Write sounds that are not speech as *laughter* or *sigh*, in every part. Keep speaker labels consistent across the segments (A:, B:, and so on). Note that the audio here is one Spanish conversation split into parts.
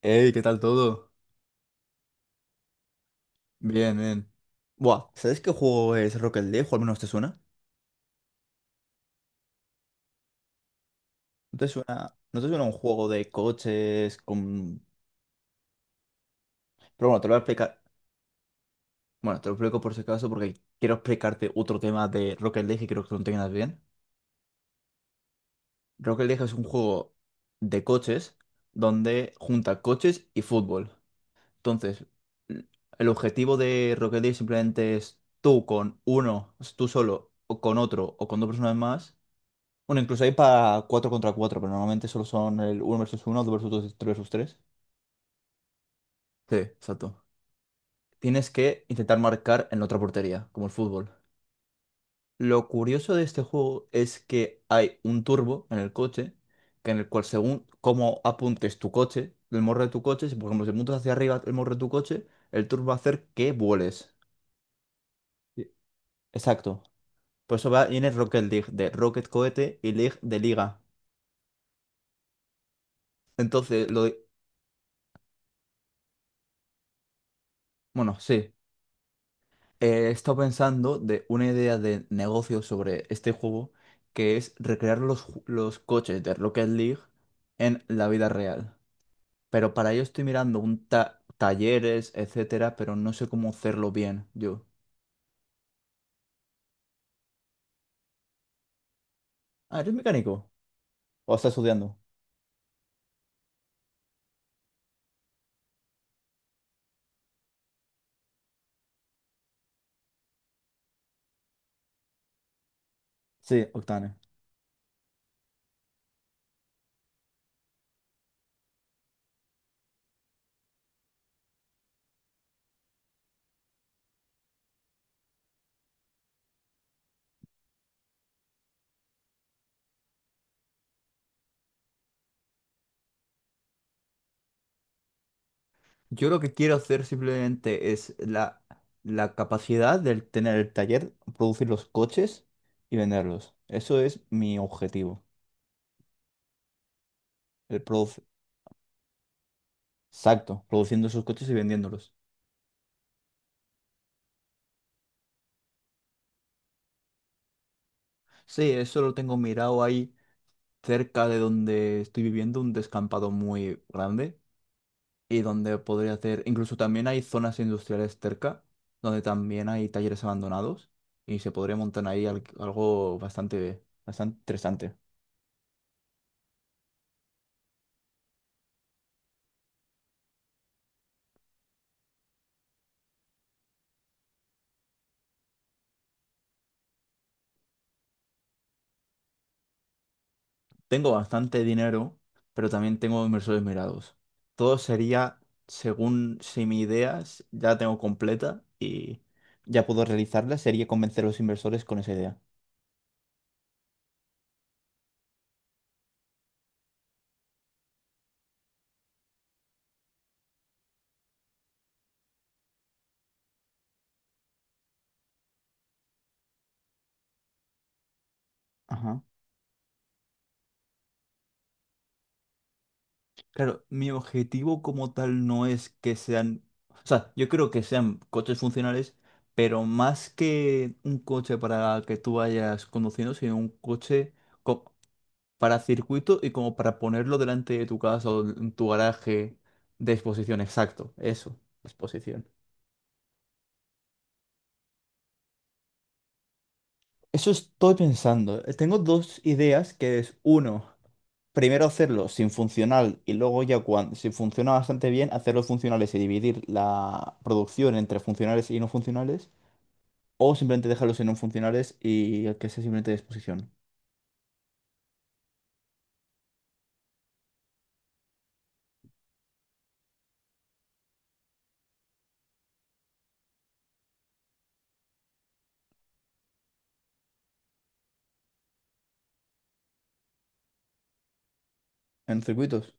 A: Hey, ¿qué tal todo? Bien, bien. Buah, ¿sabes qué juego es Rocket League? O al menos te suena. ¿No te suena, un juego de coches con... Pero bueno, te lo voy a explicar. Bueno, te lo explico por si acaso porque quiero explicarte otro tema de Rocket League y creo que lo entiendas bien. Rocket League es un juego de coches donde junta coches y fútbol. Entonces, l- el objetivo de Rocket League simplemente es tú con uno, tú solo, o con otro, o con dos personas más. Bueno, incluso hay para 4 contra 4, pero normalmente solo son el uno versus uno, 2 versus 2, 3 versus 3. Sí, exacto. Tienes que intentar marcar en la otra portería, como el fútbol. Lo curioso de este juego es que hay un turbo en el coche, que en el cual según cómo apuntes tu coche, el morro de tu coche, si por ejemplo si apuntas hacia arriba el morro de tu coche, el turbo va a hacer que vueles. Sí. Exacto. Por eso va, viene Rocket League, de Rocket Cohete y League de Liga. Entonces, Bueno, sí. He estado pensando de una idea de negocio sobre este juego, que es recrear los, los coches de Rocket League en la vida real. Pero para ello estoy mirando un talleres, etcétera, pero no sé cómo hacerlo bien yo. Ah, ¿eres mecánico? ¿O estás estudiando? Sí, Octane. Yo lo que quiero hacer simplemente es la, la capacidad de tener el taller, producir los coches y venderlos. Eso es mi objetivo. El exacto, produciendo esos coches y vendiéndolos. Sí, eso lo tengo mirado ahí cerca de donde estoy viviendo, un descampado muy grande y donde podría hacer, incluso también hay zonas industriales cerca, donde también hay talleres abandonados y se podría montar ahí algo bastante, bastante interesante. Tengo bastante dinero, pero también tengo inversores mirados. Todo sería según si mi idea ya la tengo completa y ya puedo realizarla, sería convencer a los inversores con esa idea. Ajá. Claro, mi objetivo como tal no es que sean, o sea, yo creo que sean coches funcionales, pero más que un coche para que tú vayas conduciendo, sino un coche co- para circuito y como para ponerlo delante de tu casa o en tu garaje de exposición, exacto, eso, exposición. Eso estoy pensando. Tengo dos ideas, que es uno. Primero hacerlo sin funcional y luego ya cuando, si funciona bastante bien, hacerlos funcionales y dividir la producción entre funcionales y no funcionales, o simplemente dejarlos en no funcionales y el que sea simplemente de exposición. En circuitos.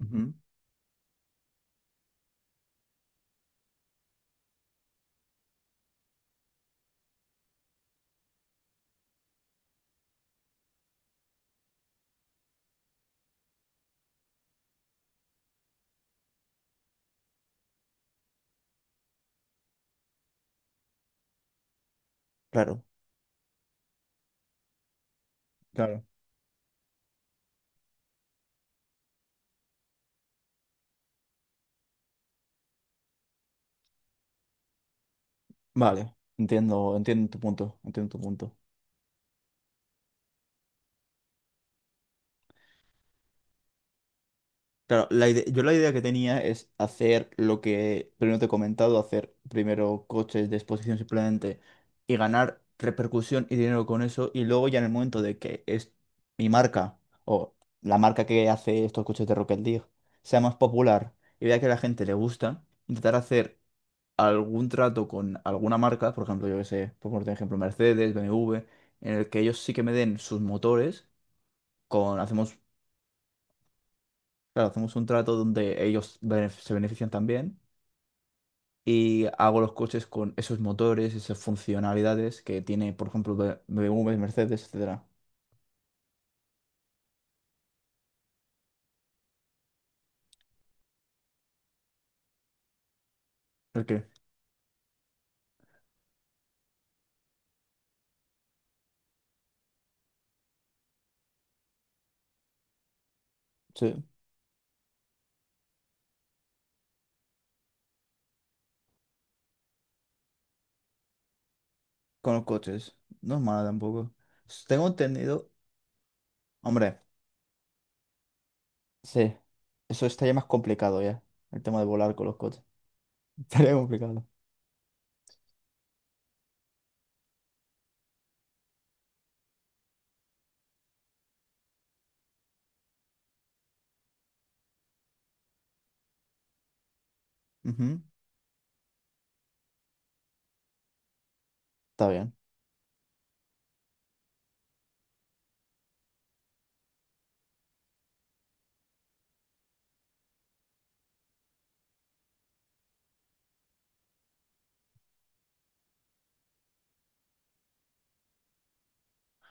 A: Ujú, claro. Claro. Vale. Entiendo, entiendo tu punto. Entiendo tu punto. Claro, yo la idea que tenía es hacer lo que primero te he comentado, hacer primero coches de exposición simplemente y ganar repercusión y dinero con eso y luego ya en el momento de que es mi marca o la marca que hace estos coches de Rocket League sea más popular y vea que a la gente le gusta, intentar hacer algún trato con alguna marca, por ejemplo, yo que sé, por poner un ejemplo, Mercedes, BMW, en el que ellos sí que me den sus motores, con, hacemos. Claro, hacemos un trato donde ellos se benefician también y hago los coches con esos motores, esas funcionalidades que tiene, por ejemplo, BMW, Mercedes, etcétera. ¿Por qué? Sí, con los coches. No es mala tampoco. Tengo entendido. Hombre, sí. Eso estaría más complicado ya. El tema de volar con los coches. *laughs* Estaría complicado. Ujú, está bien.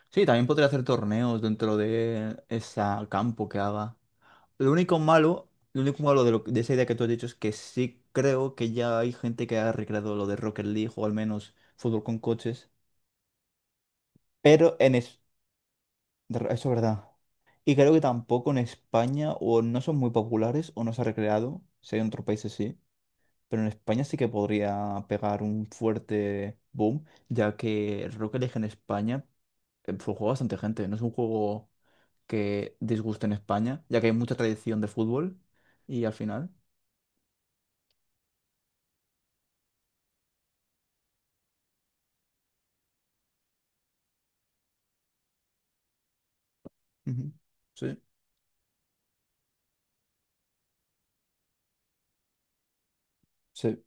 A: Sí, también podría hacer torneos dentro de ese campo que haga. Lo único malo de, de esa idea que tú has dicho es que sí creo que ya hay gente que ha recreado lo de Rocket League o al menos fútbol con coches, pero en es, de re- eso es verdad. Y creo que tampoco en España o no son muy populares o no se ha recreado, si hay en otros países sí, pero en España sí que podría pegar un fuerte boom, ya que el Rocket League en España lo juega bastante gente, no es un juego que disguste en España, ya que hay mucha tradición de fútbol y al final. Ujú. Sí, sí,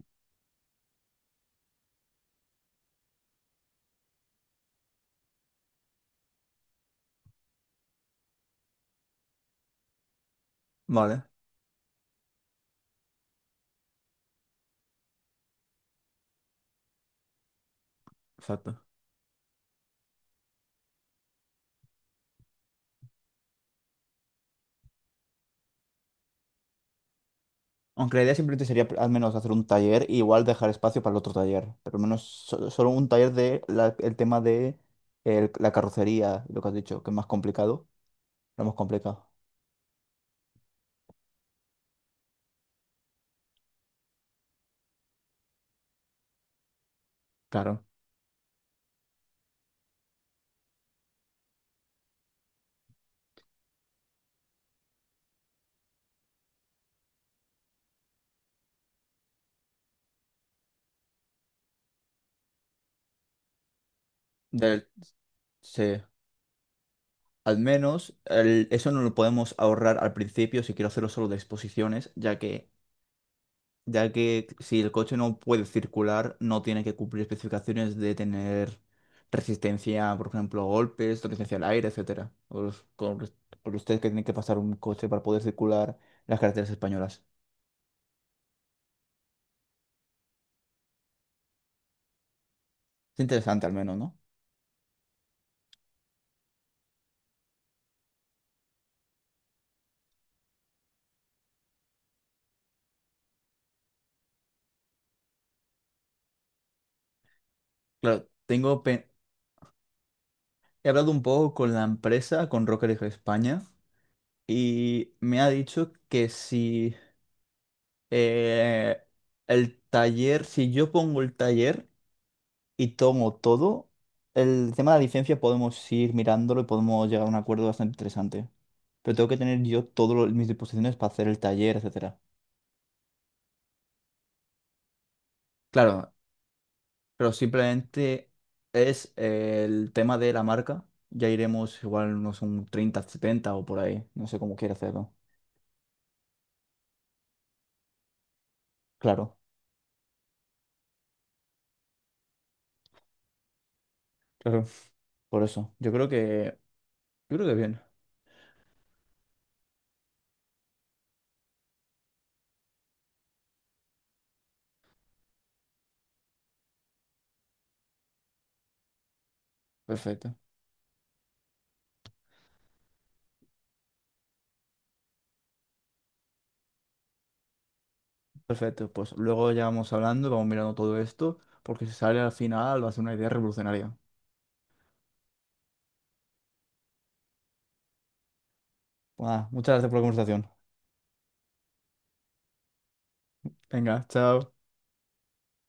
A: vale, exacto. Aunque la idea simplemente sería al menos hacer un taller y igual dejar espacio para el otro taller, pero al menos solo un taller de el tema de la carrocería, lo que has dicho, que es más complicado, lo hemos complicado. Claro. Del, sí, al menos eso no lo podemos ahorrar al principio si quiero hacerlo solo de exposiciones, ya que si el coche no puede circular, no tiene que cumplir especificaciones de tener resistencia, por ejemplo, a golpes, resistencia al aire, etcétera. Con ustedes que tienen que pasar un coche para poder circular las carreteras españolas. Es interesante al menos, ¿no? Claro, tengo he hablado un poco con la empresa, con Rocker España, y me ha dicho que si eh, el taller, si yo pongo el taller y tomo todo. El tema de la licencia podemos ir mirándolo y podemos llegar a un acuerdo bastante interesante. Pero tengo que tener yo todas mis disposiciones para hacer el taller, etcétera. Claro, pero simplemente es el tema de la marca. Ya iremos igual unos un 30, 70 o por ahí. No sé cómo quiere hacerlo. Claro, claro. Por eso. Yo creo que. Yo creo que bien. Perfecto. Perfecto. Pues luego ya vamos hablando, vamos mirando todo esto, porque si sale al final va a ser una idea revolucionaria. Buah, muchas gracias por la conversación. Venga, chao.